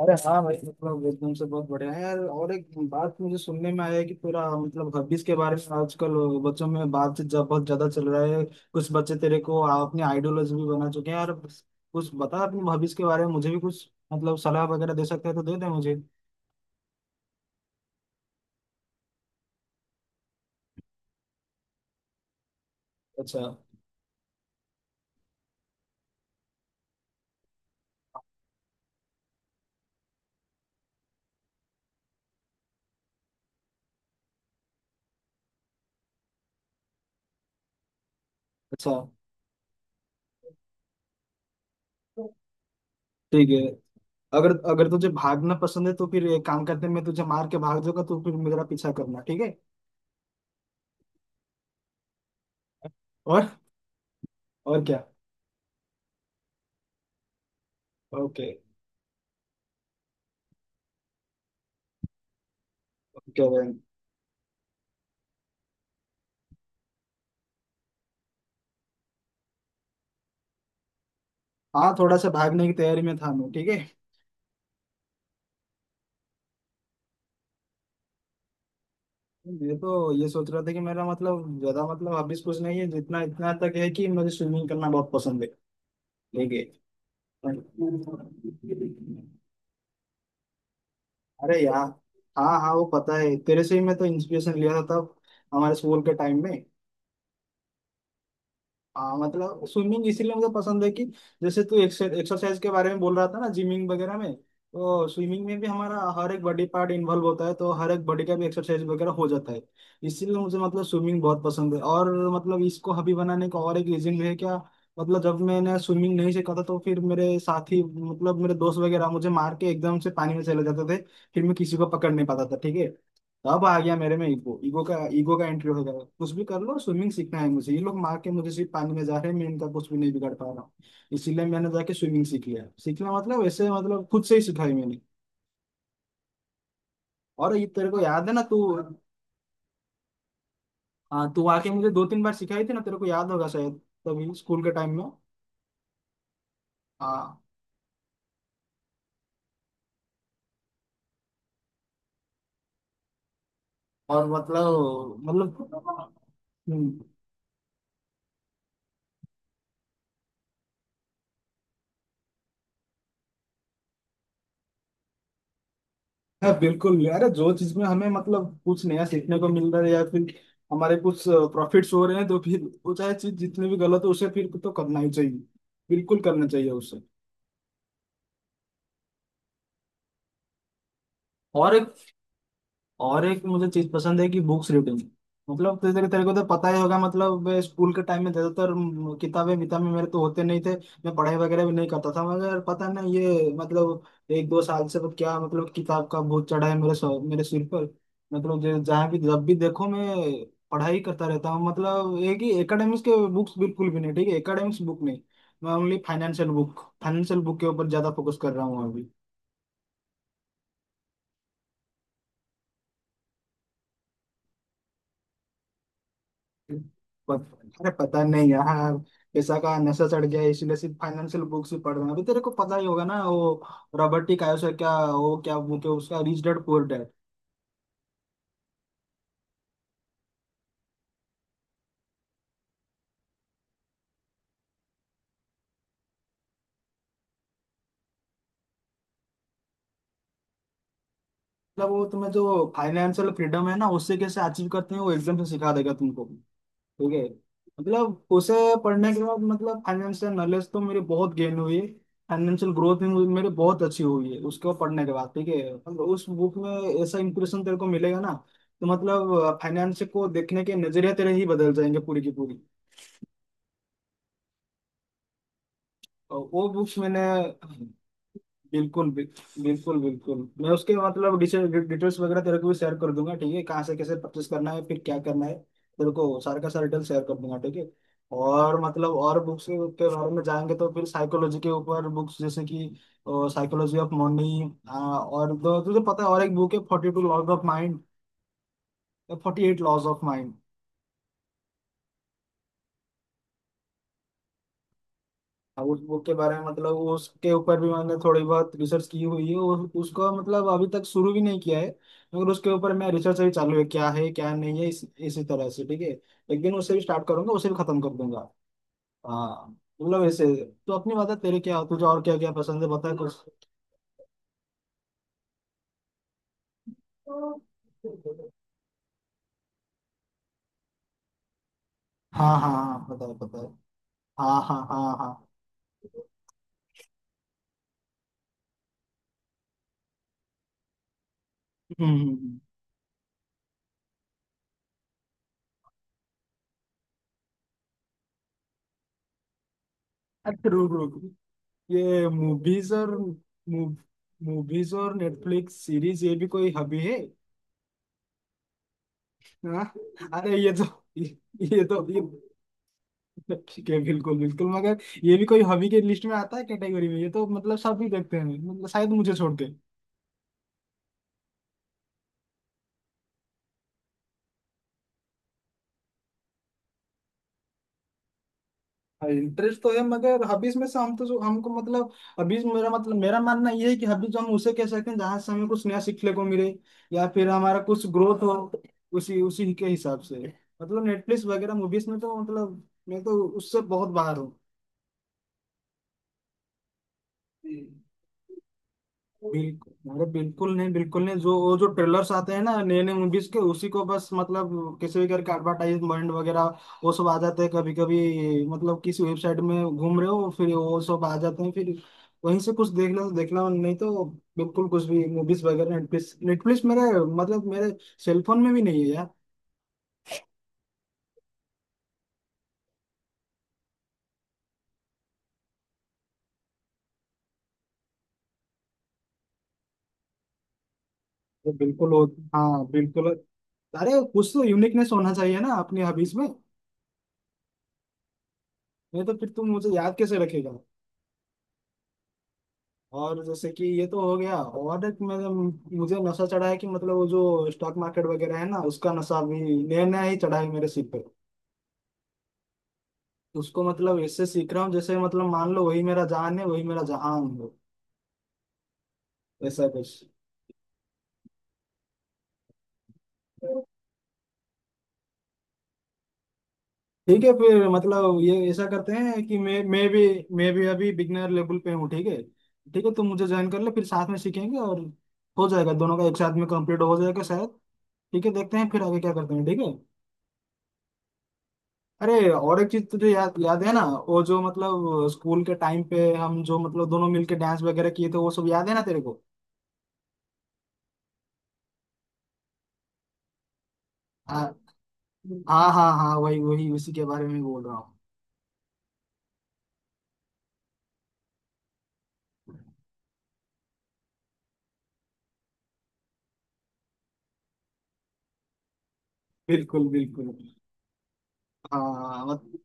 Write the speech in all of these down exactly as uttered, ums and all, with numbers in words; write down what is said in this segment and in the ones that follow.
अरे, हाँ भाई, मतलब एकदम से बहुत बढ़िया है यार। और एक बात मुझे सुनने में आया है कि पूरा, मतलब, हॉबीज के बारे में आजकल बच्चों में बात जब बहुत ज्यादा चल रहा है। कुछ बच्चे तेरे को अपने आइडियोलॉजी भी बना चुके हैं यार। कुछ बता अपने हॉबीज के बारे में मुझे भी कुछ, मतलब, सलाह वगैरह दे सकते हैं तो दे दे मुझे। अच्छा। अच्छा। ठीक है। अगर अगर तुझे भागना पसंद है तो फिर एक काम करते हैं, मैं तुझे मार के भाग जाऊंगा, तो फिर मेरा पीछा करना, ठीक है। और और क्या। ओके, ओके भाई। हाँ, थोड़ा सा भागने की तैयारी में था मैं, ठीक है। ये तो ये सोच रहा था कि मेरा, मतलब, ज्यादा, मतलब, हॉबीज कुछ नहीं है, जितना इतना तक है कि मुझे स्विमिंग करना बहुत पसंद है। ठीक है। अरे यार, हाँ हाँ, वो पता है, तेरे से ही मैं तो इंस्पिरेशन लिया था तब हमारे स्कूल के टाइम में। हाँ, मतलब, स्विमिंग इसीलिए मुझे पसंद है कि, जैसे तू एक्सरसाइज के बारे में बोल रहा था ना जिमिंग वगैरह में, तो स्विमिंग में भी हमारा हर एक बॉडी पार्ट इन्वॉल्व होता है, तो हर एक बॉडी का भी एक्सरसाइज वगैरह हो जाता है। इसीलिए मुझे, मतलब, स्विमिंग बहुत पसंद है। और, मतलब, इसको हॉबी बनाने का और एक रीजन भी है क्या। मतलब, जब मैंने स्विमिंग नहीं सीखा था तो फिर मेरे साथी, मतलब मेरे दोस्त वगैरह, मुझे मार के एकदम से पानी में चले जाते थे। फिर मैं किसी को पकड़ नहीं पाता था, ठीक है। अब आ गया मेरे में ईगो, ईगो का ईगो का एंट्री हो गया। कुछ भी कर लो, स्विमिंग सीखना है मुझे, ये लोग मार के मुझे सिर्फ पानी में जा रहे हैं, मैं इनका कुछ भी नहीं बिगाड़ पा रहा हूँ। इसीलिए मैंने जाके स्विमिंग सीख लिया। सीखना मतलब वैसे, मतलब, खुद से ही सिखाई मैंने। और ये तेरे को याद है ना तू। हाँ, तू आके मुझे दो तीन बार सिखाई थी ना, तेरे को याद होगा शायद तभी स्कूल के टाइम में। हाँ। और मतलब मतलब। हम्म। हाँ, बिल्कुल। अरे, जो चीज में हमें, मतलब, कुछ नया सीखने को मिल रहा है या फिर हमारे कुछ प्रॉफिट्स हो रहे हैं तो फिर वो चाहे चीज जितनी भी गलत हो, उसे फिर तो करना ही चाहिए। बिल्कुल करना चाहिए उसे। और एक और एक मुझे चीज पसंद है कि बुक्स रीडिंग। मतलब, तेरे तेरे तेरे को तो पता ही होगा। मतलब, मैं स्कूल के टाइम में ज्यादातर म, किताबें विताबें मेरे तो होते नहीं थे। मैं पढ़ाई वगैरह भी नहीं करता था, मगर पता ना, ये मतलब एक दो साल से क्या, मतलब, किताब का बोझ चढ़ा है मेरे सर- मेरे सिर पर। मतलब जो- जहाँ भी जब भी देखो मैं पढ़ाई करता रहता हूँ। मतलब एक ही एकेडमिक्स के बुक्स बिल्कुल भी नहीं, ठीक है, एकेडमिक्स बुक नहीं। मैं only financial book financial book के ऊपर ज्यादा फोकस कर रहा हूँ अभी। पत- अरे, पता नहीं यार, पैसा का नशा चढ़ गया है, इसलिए सिर्फ फाइनेंशियल बुक्स ही पढ़ रहे हैं अभी। तेरे को पता ही होगा ना, वो रॉबर्ट टी कायोसा, क्या वो क्या बुक है उसका, रिच डैड पुअर डैड। मतलब, वो तुम्हें जो फाइनेंशियल फ्रीडम है ना, उससे कैसे अचीव करते हैं वो एग्जाम से सिखा देगा तुमको, ठीक है। मतलब उसे पढ़ने के बाद, मतलब, फाइनेंशियल नॉलेज तो मेरी बहुत गेन हुई है। फाइनेंशियल ग्रोथ भी मुझे- मेरी बहुत अच्छी हुई है उसको पढ़ने के बाद, ठीक है। मतलब उस बुक में ऐसा इंप्रेशन तेरे को मिलेगा ना, तो मतलब फाइनेंस को देखने के नजरिया तेरे ही बदल जाएंगे पूरी की पूरी। और वो बुक्स मैंने बिल्कुल, बिल- बिल्कुल बिल्कुल मैं उसके मतलब डिटेल- डिटेल्स वगैरह तेरे को भी शेयर कर दूंगा, ठीक है। कहाँ से कैसे परचेस करना है फिर क्या करना है, तेरे को सारे का सारा डिटेल शेयर कर दूंगा, ठीक है। और मतलब और बुक्स के बारे में जाएंगे तो फिर साइकोलॉजी के ऊपर बुक्स जैसे कि साइकोलॉजी ऑफ मनी। और दो तुझे पता है और एक बुक है forty two laws of mind, forty eight laws of. हाँ, उस बुक के बारे में, मतलब, उसके ऊपर भी मैंने थोड़ी बहुत रिसर्च की हुई है और उसको मतलब अभी तक शुरू भी नहीं किया है, मगर उसके ऊपर मैं रिसर्च अभी चालू है क्या है क्या नहीं है, इस, इसी तरह से, ठीक है। एक दिन उससे भी स्टार्ट करूंगा, उसे भी खत्म कर दूंगा। हाँ, मतलब ऐसे, तो अपनी बता तेरे, क्या तुझे और क्या क्या पसंद है बता कुछ। हाँ हाँ हाँ, पता है, पता है। हाँ हाँ हाँ हाँ। हम्म हम्म, हम्म। अच्छा, रुक रुक। ये मूवीज और मूवीज और नेटफ्लिक्स सीरीज, ये भी कोई हॉबी है। हाँ। अरे ये तो ये, ये तो ये ठीक है, बिल्कुल बिल्कुल, मगर ये भी कोई हॉबी के लिस्ट में आता है कैटेगरी में, ये तो मतलब सभी देखते हैं, मतलब शायद मुझे छोड़ के। इंटरेस्ट तो है, मगर हॉबीज में से हम तो जो हमको, मतलब, हॉबीज मेरा मतलब मेरा मानना ये है कि हॉबीज हम उसे कह सकते हैं जहाँ से हमें कुछ नया सीखने को मिले या फिर हमारा कुछ ग्रोथ हो, उसी उसी के हिसाब से। मतलब नेटफ्लिक्स वगैरह मूवीज में तो मतलब मैं तो उससे बहुत बाहर हूँ, बिल्कुल। अरे, बिल्कुल नहीं, बिल्कुल नहीं। जो वो जो ट्रेलर्स आते हैं ना नए नए मूवीज के, उसी को बस, मतलब, किसी भी करके एडवर्टाइजमेंट वगैरह, वो सब आ जाते हैं कभी कभी, मतलब किसी वेबसाइट में घूम रहे हो फिर वो सब आ जाते हैं। फिर वहीं से कुछ देखना तो देखना, नहीं तो बिल्कुल कुछ भी मूवीज वगैरह। नेटफ्लिक्स नेटफ्लिक्स मेरे मतलब मेरे सेलफोन में भी नहीं है यार। वो बिल्कुल हो। हाँ, बिल्कुल। अरे, कुछ तो यूनिकनेस होना चाहिए ना अपनी हॉबीज में, नहीं तो फिर तुम मुझे याद कैसे रखेगा। और जैसे कि ये तो हो गया, और एक मतलब मुझे नशा चढ़ा है कि, मतलब, वो जो स्टॉक मार्केट वगैरह है ना, उसका नशा अभी नया नया ही चढ़ा है मेरे सिर पे। उसको मतलब इससे सीख रहा हूँ, जैसे मतलब मान लो वही मेरा जान है वही मेरा जहान है, ऐसा कुछ। ठीक है, फिर मतलब ये ऐसा करते हैं कि मैं मैं भी, मैं भी अभी बिगनर लेवल पे हूँ, ठीक है। ठीक है, तुम मुझे ज्वाइन कर लो, फिर साथ में सीखेंगे और हो जाएगा, दोनों का एक साथ में कंप्लीट हो जाएगा शायद। ठीक है, देखते हैं फिर आगे क्या करते हैं, ठीक है। अरे, और एक चीज तुझे याद, याद है ना वो जो, मतलब, स्कूल के टाइम पे हम जो, मतलब, दोनों मिलके डांस वगैरह किए थे, वो सब याद है ना तेरे को। हाँ हाँ हाँ हाँ, वही वही, उसी के बारे में बोल रहा हूँ। बिल्कुल बिल्कुल। हाँ मत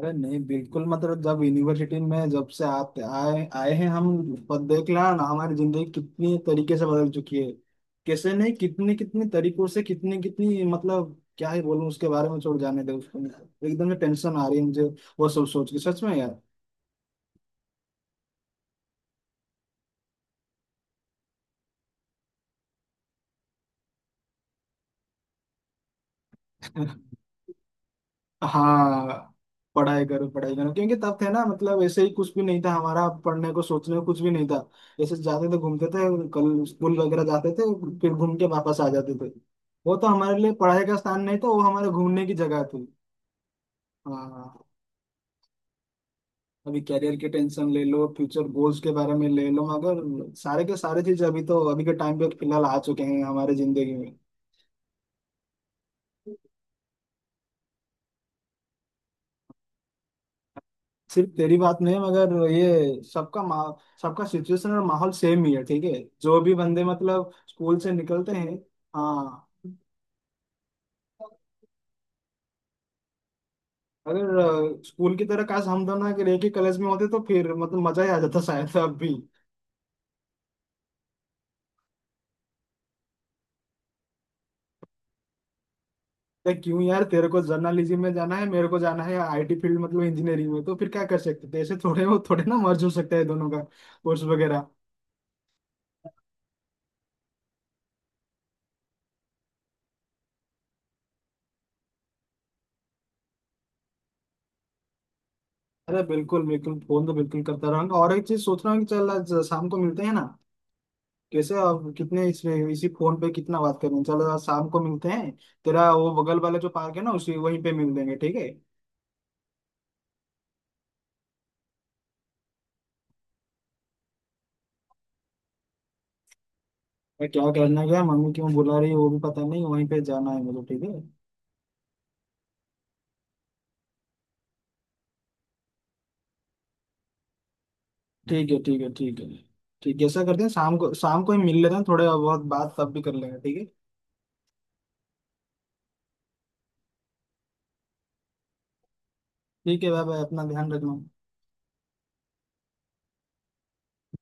अरे नहीं, बिल्कुल, मतलब, जब यूनिवर्सिटी में, जब से आते आए आए हैं हम, पर देख ला ना हमारी जिंदगी कितनी तरीके से बदल चुकी है, कैसे नहीं, कितने कितने तरीकों से, कितनी कितनी मतलब क्या ही बोलूं उसके बारे में, छोड़ जाने दे उसको, एकदम से टेंशन आ रही है मुझे वो सब सोच के, सच में यार। हाँ, पढ़ाई करो पढ़ाई करो, क्योंकि तब थे ना मतलब ऐसे ही कुछ भी नहीं था हमारा, पढ़ने को सोचने को कुछ भी नहीं था। ऐसे जाते थे घूमते थे, कल स्कूल वगैरह जाते थे फिर घूम के वापस आ जाते थे। वो तो हमारे लिए पढ़ाई का स्थान नहीं था, वो हमारे घूमने की जगह थी। हाँ, अभी कैरियर की टेंशन ले लो, फ्यूचर गोल्स के बारे में ले लो, मगर सारे के सारे चीज अभी तो अभी के टाइम पे फिलहाल आ चुके हैं हमारे जिंदगी में। सिर्फ तेरी बात नहीं है, मगर ये सबका मा सबका सिचुएशन और माहौल सेम ही है, ठीक है, जो भी बंदे मतलब स्कूल से निकलते हैं। हाँ, अगर अ, स्कूल की तरह काश हम दोनों अगर एक ही कॉलेज में होते तो फिर मतलब मजा ही आ जाता शायद अब भी। देख, क्यों यार, तेरे को जर्नलिज्म में जाना है, मेरे को जाना है आई टी फील्ड मतलब इंजीनियरिंग में, तो फिर क्या कर सकते थे ऐसे थोड़े, वो थोड़े ना मर्ज हो सकता है दोनों का कोर्स वगैरह। अरे बिल्कुल बिल्कुल, फोन तो बिल्कुल करता रहूंगा। और एक चीज सोच रहा हूँ कि चल आज शाम को मिलते हैं ना, कैसे आप कितने इस इसी फोन पे कितना बात करें, चलो आज शाम को मिलते हैं। तेरा वो बगल वाला जो पार्क है ना, उसी वहीं पे मिल लेंगे, ठीक है। मैं क्या करना गया, मम्मी क्यों बुला रही है वो भी पता नहीं, वहीं पे जाना है मुझे, ठीक है। ठीक है ठीक है, ठीक है ठीक है, ऐसा करते हैं शाम को, शाम को ही मिल लेते हैं, थोड़ा बहुत बात तब भी कर लेंगे, ठीक है। ठीक है, बाय बाय, अपना ध्यान रखना।